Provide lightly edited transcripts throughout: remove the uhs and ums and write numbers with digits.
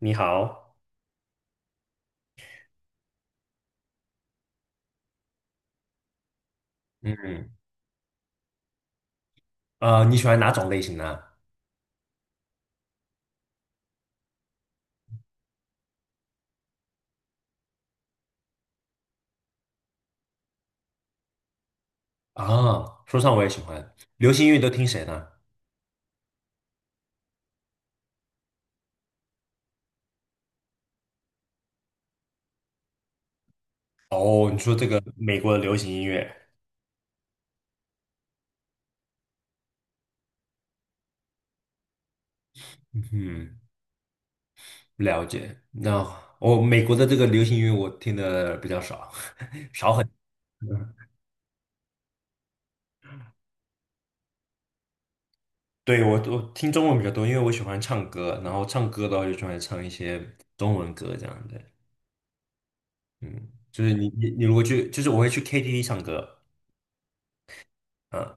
你好，嗯，啊，你喜欢哪种类型呢？啊，说唱我也喜欢，流行音乐都听谁呢？哦，你说这个美国的流行音乐，嗯，了解。那美国的这个流行音乐我听的比较少，少很。对，我听中文比较多，因为我喜欢唱歌，然后唱歌的话就喜欢唱一些中文歌这样的。嗯，就是你如果去，就是我会去 KTV 唱歌。嗯。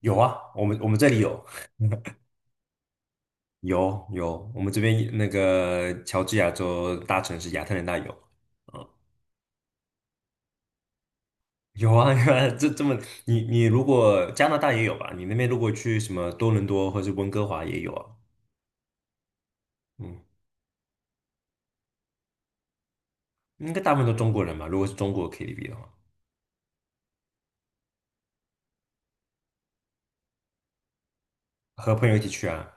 有啊，我们这里有，有有，我们这边那个乔治亚州大城市亚特兰大有。嗯，有啊。这么，你如果加拿大也有吧？你那边如果去什么多伦多或者是温哥华也有啊。嗯，应该大部分都中国人吧？如果是中国 KTV 的话，和朋友一起去啊。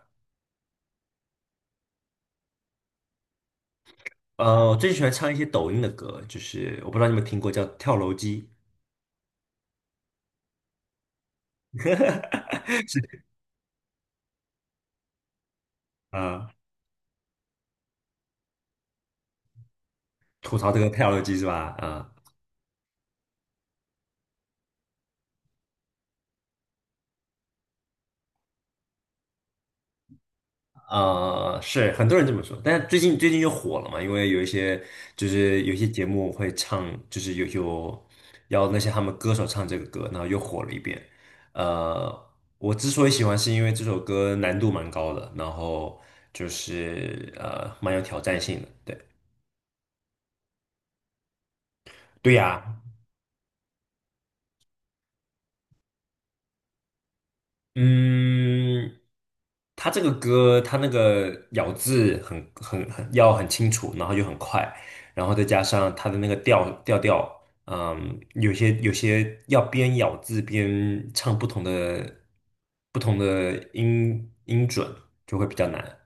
我最喜欢唱一些抖音的歌，就是我不知道你们听过叫跳楼机。 啊，吐槽这个跳楼机是吧？是很多人这么说，但是最近又火了嘛，因为有一些节目会唱，就是有要那些他们歌手唱这个歌，然后又火了一遍。呃，我之所以喜欢，是因为这首歌难度蛮高的，然后就是蛮有挑战性的。对，对呀。嗯，他这个歌，他那个咬字很要很清楚，然后又很快，然后再加上他的那个调，有些要边咬字边唱不同的音准，就会比较难。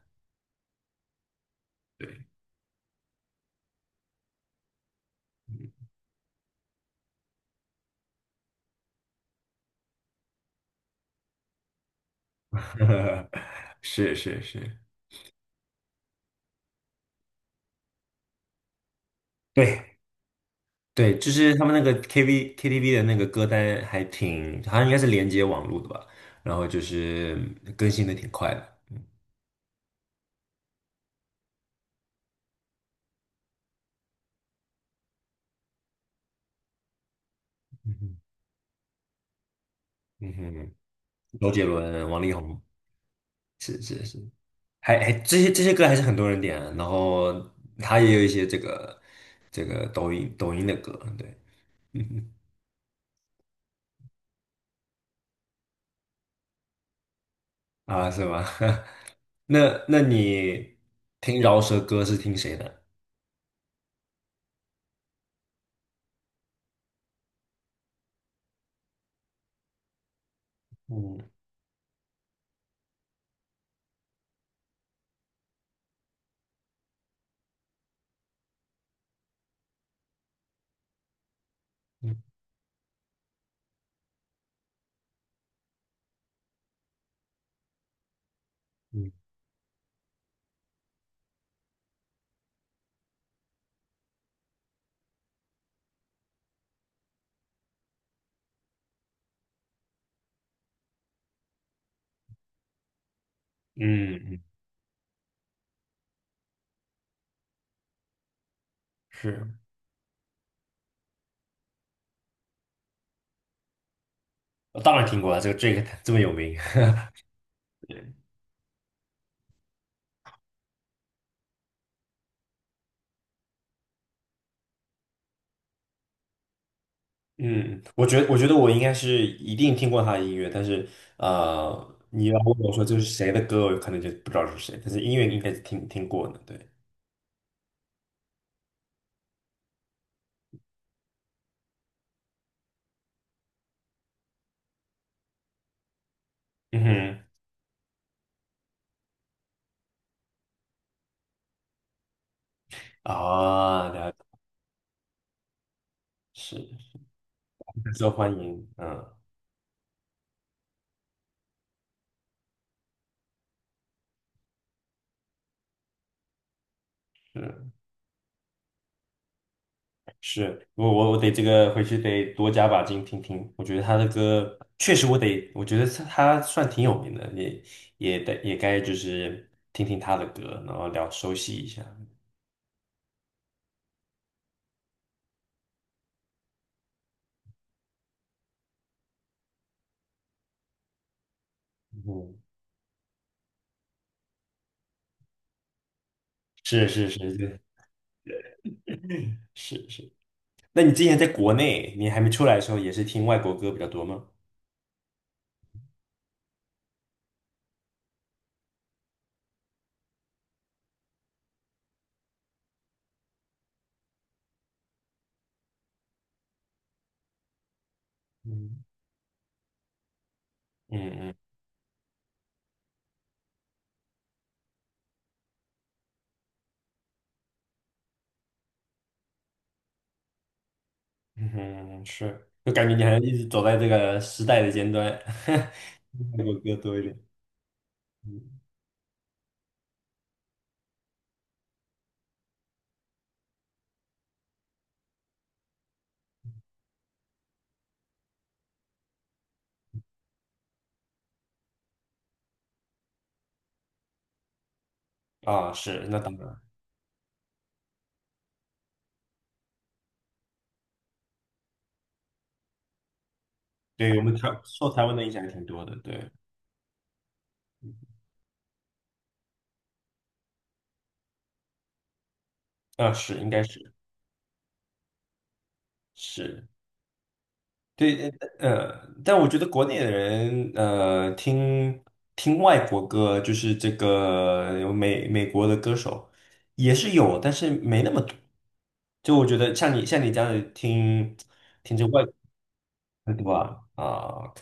是是是，对对，就是他们那个 KTV 的那个歌单还挺，好像应该是连接网络的吧，然后就是更新的挺快的。嗯哼。周杰伦、王力宏。是是是，还这些歌还是很多人点啊，然后他也有一些这个抖音的歌。对。嗯啊，是吗？那那你听饶舌歌是听谁的？嗯嗯嗯嗯，嗯是，我当然听过啊，这个 Drake 这么有名。嗯，我觉得我应该是一定听过他的音乐，但是你要问我说这是谁的歌，我可能就不知道是谁，但是音乐应该是听过的。对，嗯哼。啊，了解，是受欢迎。嗯，是是，我得这个回去得多加把劲听听，我觉得他的歌确实我得，我觉得他算挺有名的，也得也该就是听听他的歌，然后聊熟悉一下。嗯，是是是，对，是是。那你之前在国内，你还没出来的时候，也是听外国歌比较多吗？嗯，嗯嗯嗯哼是，就感觉你还一直走在这个时代的尖端。外国歌多一点。嗯，啊，是，那当然。对，我们受台湾的影响还挺多的。对。啊，是，应该是是。对。但我觉得国内的人，听外国歌，就是这个有美国的歌手也是有，但是没那么多。就我觉得像你这样子听着外国歌对吧？啊 o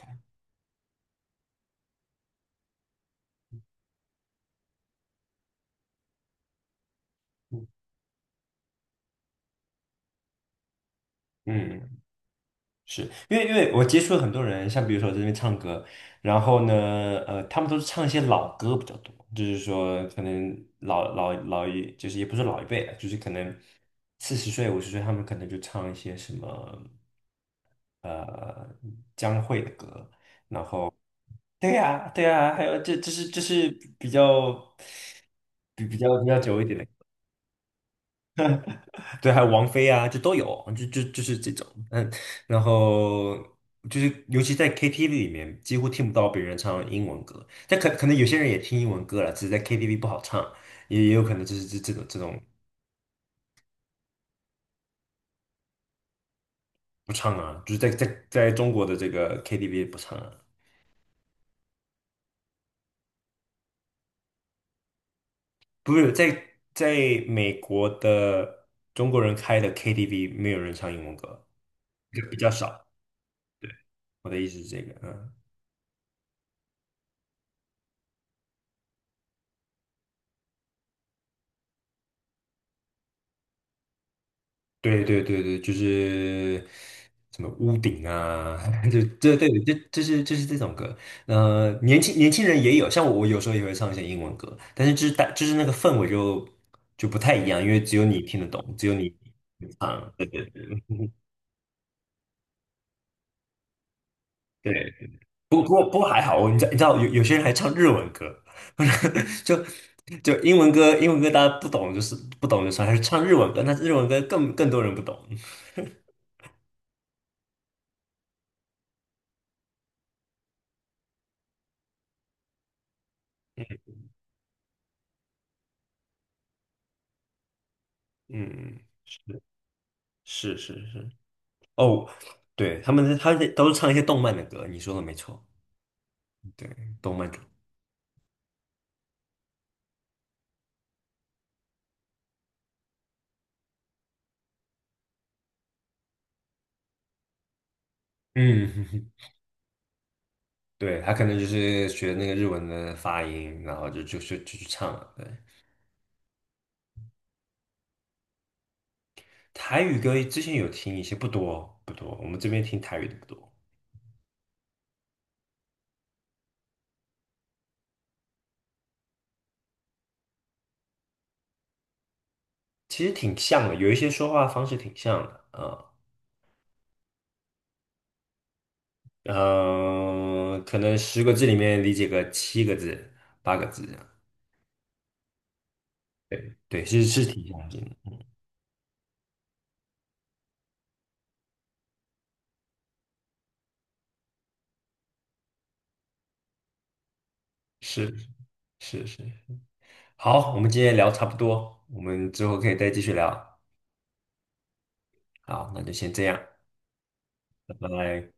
嗯。是因为我接触了很多人，像比如说我在这边唱歌，然后呢，他们都是唱一些老歌比较多，就是说可能老老老一，就是也不是老一辈了，就是可能40岁50岁，他们可能就唱一些什么呃江蕙的歌。对呀、对呀、还有这是比较比较久一点的。对，还有王菲啊，就都有，就是这种。嗯，然后就是尤其在 KTV 里面，几乎听不到别人唱英文歌，但可能有些人也听英文歌了，只是在 KTV 不好唱，也有可能就是这种不唱啊，就是在中国的这个 KTV 不唱啊，不是在美国的中国人开的 KTV 没有人唱英文歌，就比较少，我的意思是这个。嗯。对对对对，就是什么屋顶啊。就这对这是这种歌。年轻人也有，像我，有时候也会唱一些英文歌，但是就是那个氛围就不太一样，因为只有你听得懂，只有你唱。对对对。不过还好，我你知道有些人还唱日文歌。就就英文歌大家不懂就是不懂就算，还是唱日文歌，那日文歌更多人不懂。嗯，是是是是。哦，对，他们都是唱一些动漫的歌，你说的没错。对，动漫歌。嗯，对，他可能就是学那个日文的发音，然后就去唱了。对，台语歌之前有听一些，不多不多，我们这边听台语的不多。其实挺像的，有一些说话方式挺像的啊。嗯，可能10个字里面理解个7个字、8个字这样。对，是是挺像的，是是是。好，我们今天聊差不多，我们之后可以再继续聊。好，那就先这样，拜拜。